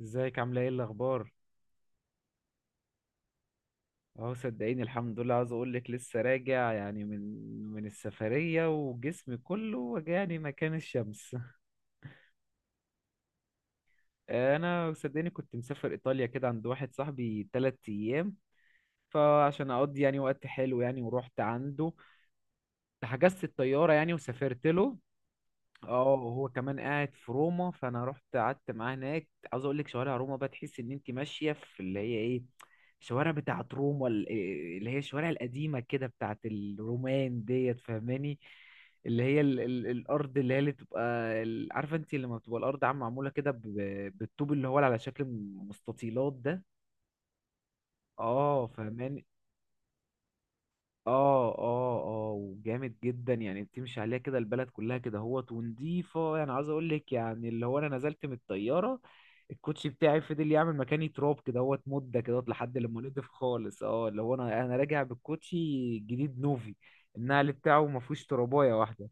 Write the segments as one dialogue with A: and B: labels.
A: ازيك، عامله ايه، الاخبار؟ اهو، صدقيني الحمد لله. عاوز اقول لك لسه راجع يعني من السفريه، وجسمي كله وجعني مكان الشمس. انا صدقيني كنت مسافر ايطاليا كده عند واحد صاحبي 3 ايام، فعشان اقضي يعني وقت حلو يعني، ورحت عنده. حجزت الطياره يعني وسافرت له. اه، هو كمان قاعد في روما، فانا رحت قعدت معاه هناك. عاوز اقول لك، شوارع روما بقى تحس ان انت ماشيه في اللي هي ايه، شوارع بتاعه روما اللي هي الشوارع القديمه كده بتاعه الرومان ديت، فاهماني؟ اللي هي ال الارض اللي هي اللي بتبقى عارفه، انت لما بتبقى الارض عامه معموله كده بالطوب اللي هو على شكل مستطيلات ده. اه، فاهمان. اه اه اه، وجامد جدا يعني، بتمشي عليها كده البلد كلها كده هوت ونضيفة. يعني عاوز اقول لك يعني، اللي هو انا نزلت من الطيارة، الكوتشي بتاعي فضل يعمل مكاني تراب كده هوت مدة كده هوت لحد لما نضف خالص. اه، اللي هو انا راجع بالكوتشي جديد نوفي، النقل بتاعه ما فيهوش ترابايه واحدة.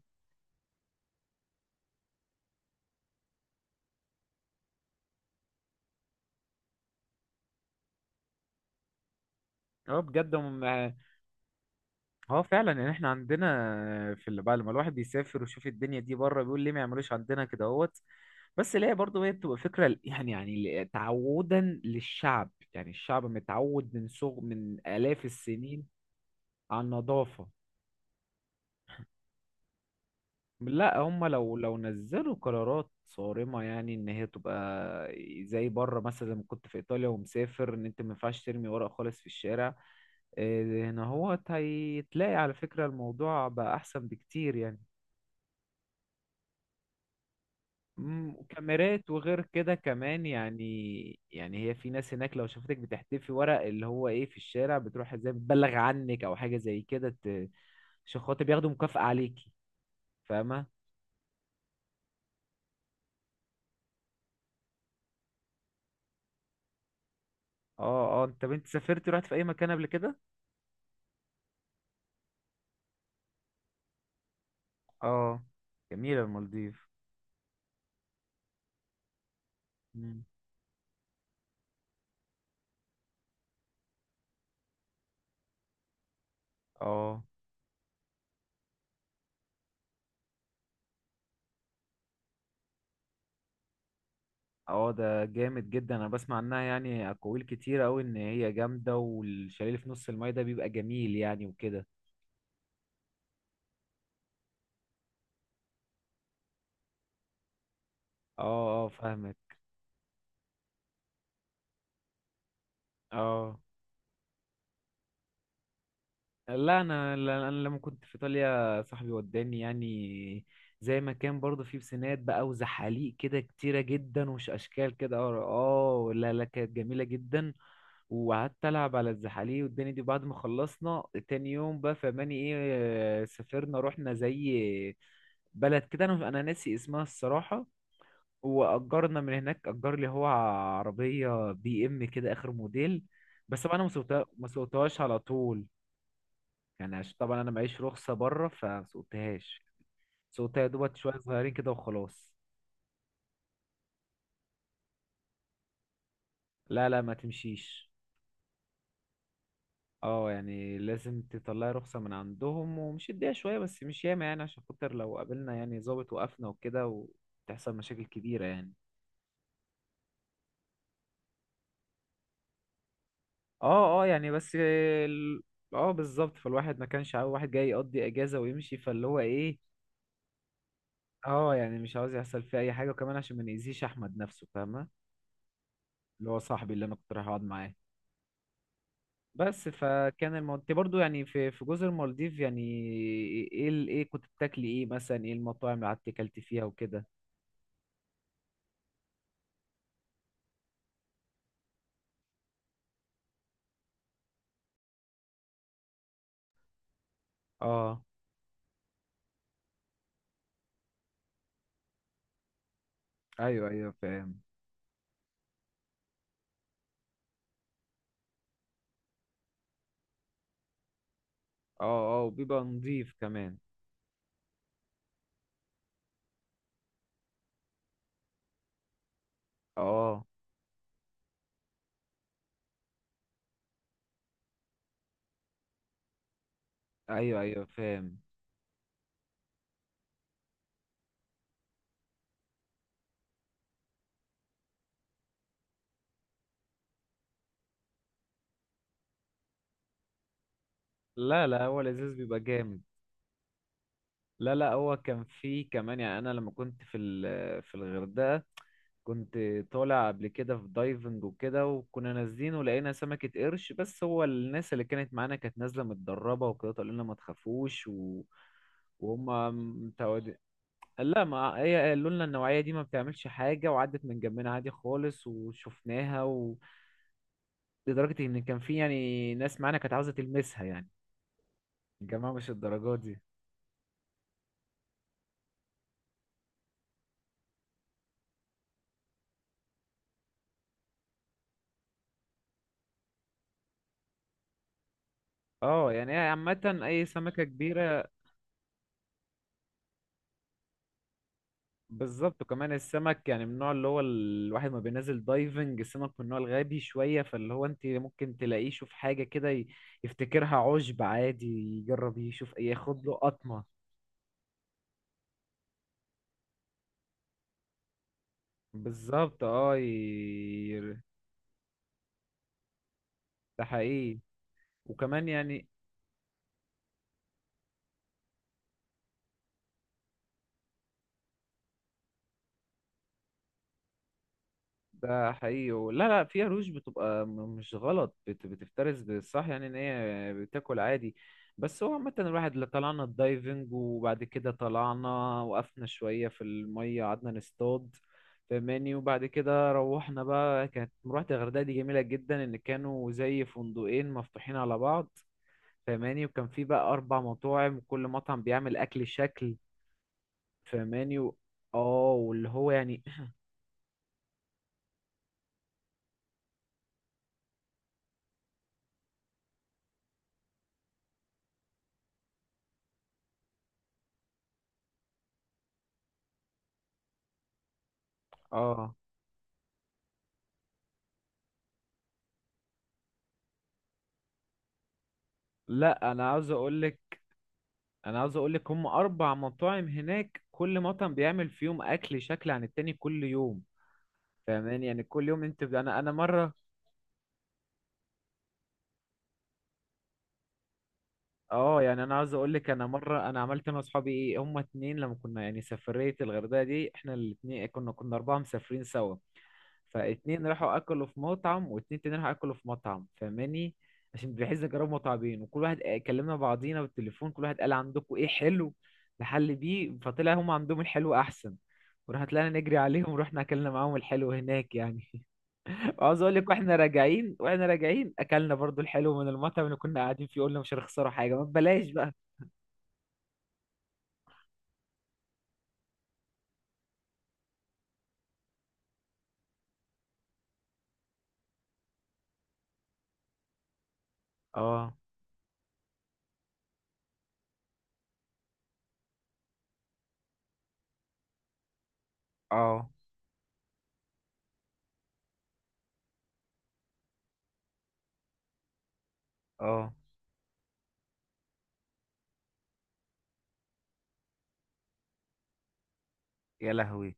A: اه، بجد اه، فعلا يعني. احنا عندنا، في اللي بعد ما الواحد بيسافر ويشوف الدنيا دي بره، بيقول ليه ما يعملوش عندنا كده هوت. بس اللي هي برضه هي بتبقى فكرة، يعني تعودا للشعب، يعني الشعب متعود من صغ من آلاف السنين على النظافة. لا، هم لو نزلوا قرارات صارمة يعني، ان هي تبقى زي بره. مثلا لما كنت في ايطاليا ومسافر، ان انت ما ينفعش ترمي ورق خالص في الشارع. إيه، هنا هو هيتلاقي على فكرة الموضوع بقى احسن بكتير يعني. وكاميرات وغير كده كمان يعني، يعني هي في ناس هناك لو شافتك بتحتفي ورق اللي هو ايه في الشارع، بتروح ازاي بتبلغ عنك او حاجه زي كده، عشان خاطر بياخدوا مكافأة عليكي. فاهمه؟ اه اه، طب انت سافرت رحت في اي مكان قبل كده؟ اه، جميله المالديف. مم. اه اه، ده جامد جدا، انا بسمع عنها يعني اقاويل كتير قوي، ان هي جامده والشاليه اللي في نص المايه ده بيبقى جميل يعني وكده. اه اه، فاهمك. اه. لا، انا انا لما كنت في ايطاليا صاحبي وداني يعني، زي ما كان برضه، في بسينات بقى وزحاليق كده كتيره جدا ومش اشكال كده. اه، آه، لا لا، كانت جميله جدا، وقعدت العب على الزحاليق والدنيا دي. بعد ما خلصنا تاني يوم بقى فماني ايه، آه، سافرنا، رحنا زي بلد كده، انا ناسي اسمها الصراحه. واجرنا من هناك، اجر لي هو عربيه بي ام كده اخر موديل. بس طبعا انا ما سوقتهاش على طول، يعني عشان طبعا انا معيش رخصه بره، فسوقتهاش، سوقتها يا دوبك شويه صغيرين كده وخلاص. لا لا، ما تمشيش. اه، يعني لازم تطلعي رخصه من عندهم، ومش اديها شويه بس مش ياما يعني، عشان خاطر لو قابلنا يعني ظابط، وقفنا وكده وتحصل مشاكل كبيره يعني. اه اه، يعني بس اه، بالظبط، فالواحد ما كانش عاوز واحد جاي يقضي اجازه ويمشي فاللي هو ايه. اه، يعني مش عاوز يحصل فيه اي حاجه، وكمان عشان ما نأذيش احمد نفسه، فاهمه، اللي هو صاحبي اللي انا كنت رايح اقعد معاه. بس فكان الموضوع، انت برضو يعني في جزر المالديف يعني، ايه ايه كنت بتاكلي ايه مثلا، ايه المطاعم اللي قعدتي اكلتي فيها وكده؟ اه، ايوه ايوه، فاهم. اه اه، وبيبقى نضيف كمان. اه، ايوه ايوه، فاهم. لا لا، هو لذيذ بيبقى جامد. لا لا، هو كان فيه كمان يعني، انا لما كنت في في الغردقة، كنت طالع قبل كده في دايفنج وكده، وكنا نازلين ولقينا سمكة قرش. بس هو الناس اللي كانت معانا كانت نازلة متدربة وكده، قالوا لنا ما تخافوش، و... وهم متعودين. لا، ما هي قالوا لنا النوعية دي ما بتعملش حاجة، وعدت من جنبنا عادي خالص وشفناها، و... لدرجة ان كان في يعني ناس معانا كانت عاوزة تلمسها يعني. الجماعة مش الدرجات دي. اه يعني، هي عامة اي سمكة كبيرة بالظبط، وكمان السمك يعني من النوع اللي هو الواحد ما بينزل دايفنج، السمك من النوع الغبي شوية، فاللي هو انت ممكن تلاقيه يشوف حاجة كده، يفتكرها عشب عادي، يجرب يشوف ياخد له قطمة. بالظبط. اه، ده حقيقي، وكمان يعني، ده حقيقي. لا لا، في عروش بتبقى مش غلط، بتفترس بالصح يعني، ان هي بتاكل عادي. بس هو عامة الواحد اللي، طلعنا الدايفنج وبعد كده طلعنا، وقفنا شوية في المية قعدنا نصطاد فماني. وبعد كده روحنا بقى، كانت مروحة الغردقة دي جميلة جدا، ان كانوا زي فندقين مفتوحين على بعض فماني، وكان في بقى اربع مطاعم وكل مطعم بيعمل اكل شكل فماني. و... اه، واللي هو يعني، اه، لا، انا عاوز اقول لك هم اربع مطاعم هناك، كل مطعم بيعمل فيهم اكل شكل عن التاني كل يوم، فاهماني؟ يعني كل يوم انت انا مره. اه، يعني انا عاوز اقول لك، انا مره انا عملت انا واصحابي ايه، هم اتنين لما كنا يعني سفريه الغردقه دي، احنا الاتنين كنا اربعه مسافرين سوا. فاتنين راحوا اكلوا في مطعم واتنين تاني راحوا اكلوا في مطعم، فاهماني؟ عشان بحيث نجرب مطعمين، وكل واحد، آه، كلمنا بعضينا بالتليفون، كل واحد قال عندكم ايه حلو نحل بيه، فطلع هم عندهم الحلو احسن، وراح طلعنا نجري عليهم ورحنا اكلنا معاهم الحلو هناك يعني. وعاوز اقول لك، واحنا راجعين اكلنا برضو الحلو من المطعم اللي كنا قاعدين فيه، قلنا مش هنخسروا حاجه، ما ببلاش بقى. اه اه اه. يا لهوي.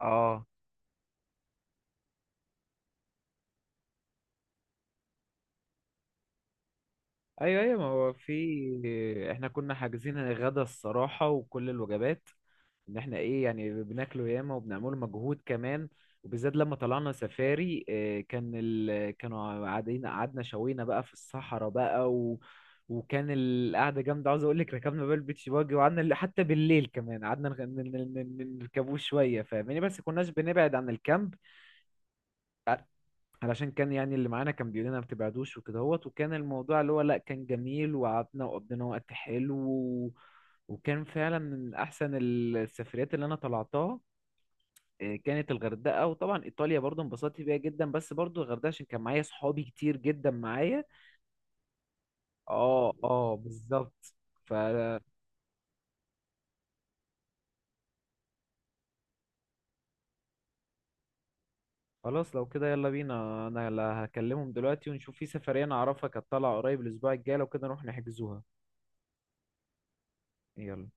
A: اه، ايوه ايوه، ما هو في، احنا كنا حاجزين غدا الصراحه وكل الوجبات، ان احنا ايه يعني بناكله ياما وبنعمله مجهود كمان. وبالذات لما طلعنا سفاري، آه، كان كانوا قاعدين، قعدنا شوينا بقى في الصحراء بقى. و... وكان القعده جامده، عاوز اقول لك. ركبنا بقى البيتش باجي وقعدنا حتى بالليل كمان قعدنا ن- نركبوه شويه، فاهماني؟ بس كناش بنبعد عن الكامب، علشان كان يعني اللي معانا كان بيقول لنا ما تبعدوش وكده هوت. وكان الموضوع اللي هو، لا، كان جميل، وقعدنا وقضينا وقت حلو، و... وكان فعلا من احسن السفريات اللي انا طلعتها. إيه، كانت الغردقة، وطبعا ايطاليا برضو انبسطت بيها جدا، بس برضو الغردقة عشان كان معايا صحابي كتير جدا معايا. اه اه، بالظبط. ف، خلاص لو كده يلا بينا. انا لا، هكلمهم دلوقتي ونشوف في سفرية انا اعرفها كانت طالعة قريب الاسبوع الجاي، لو كده نروح نحجزوها. يلا.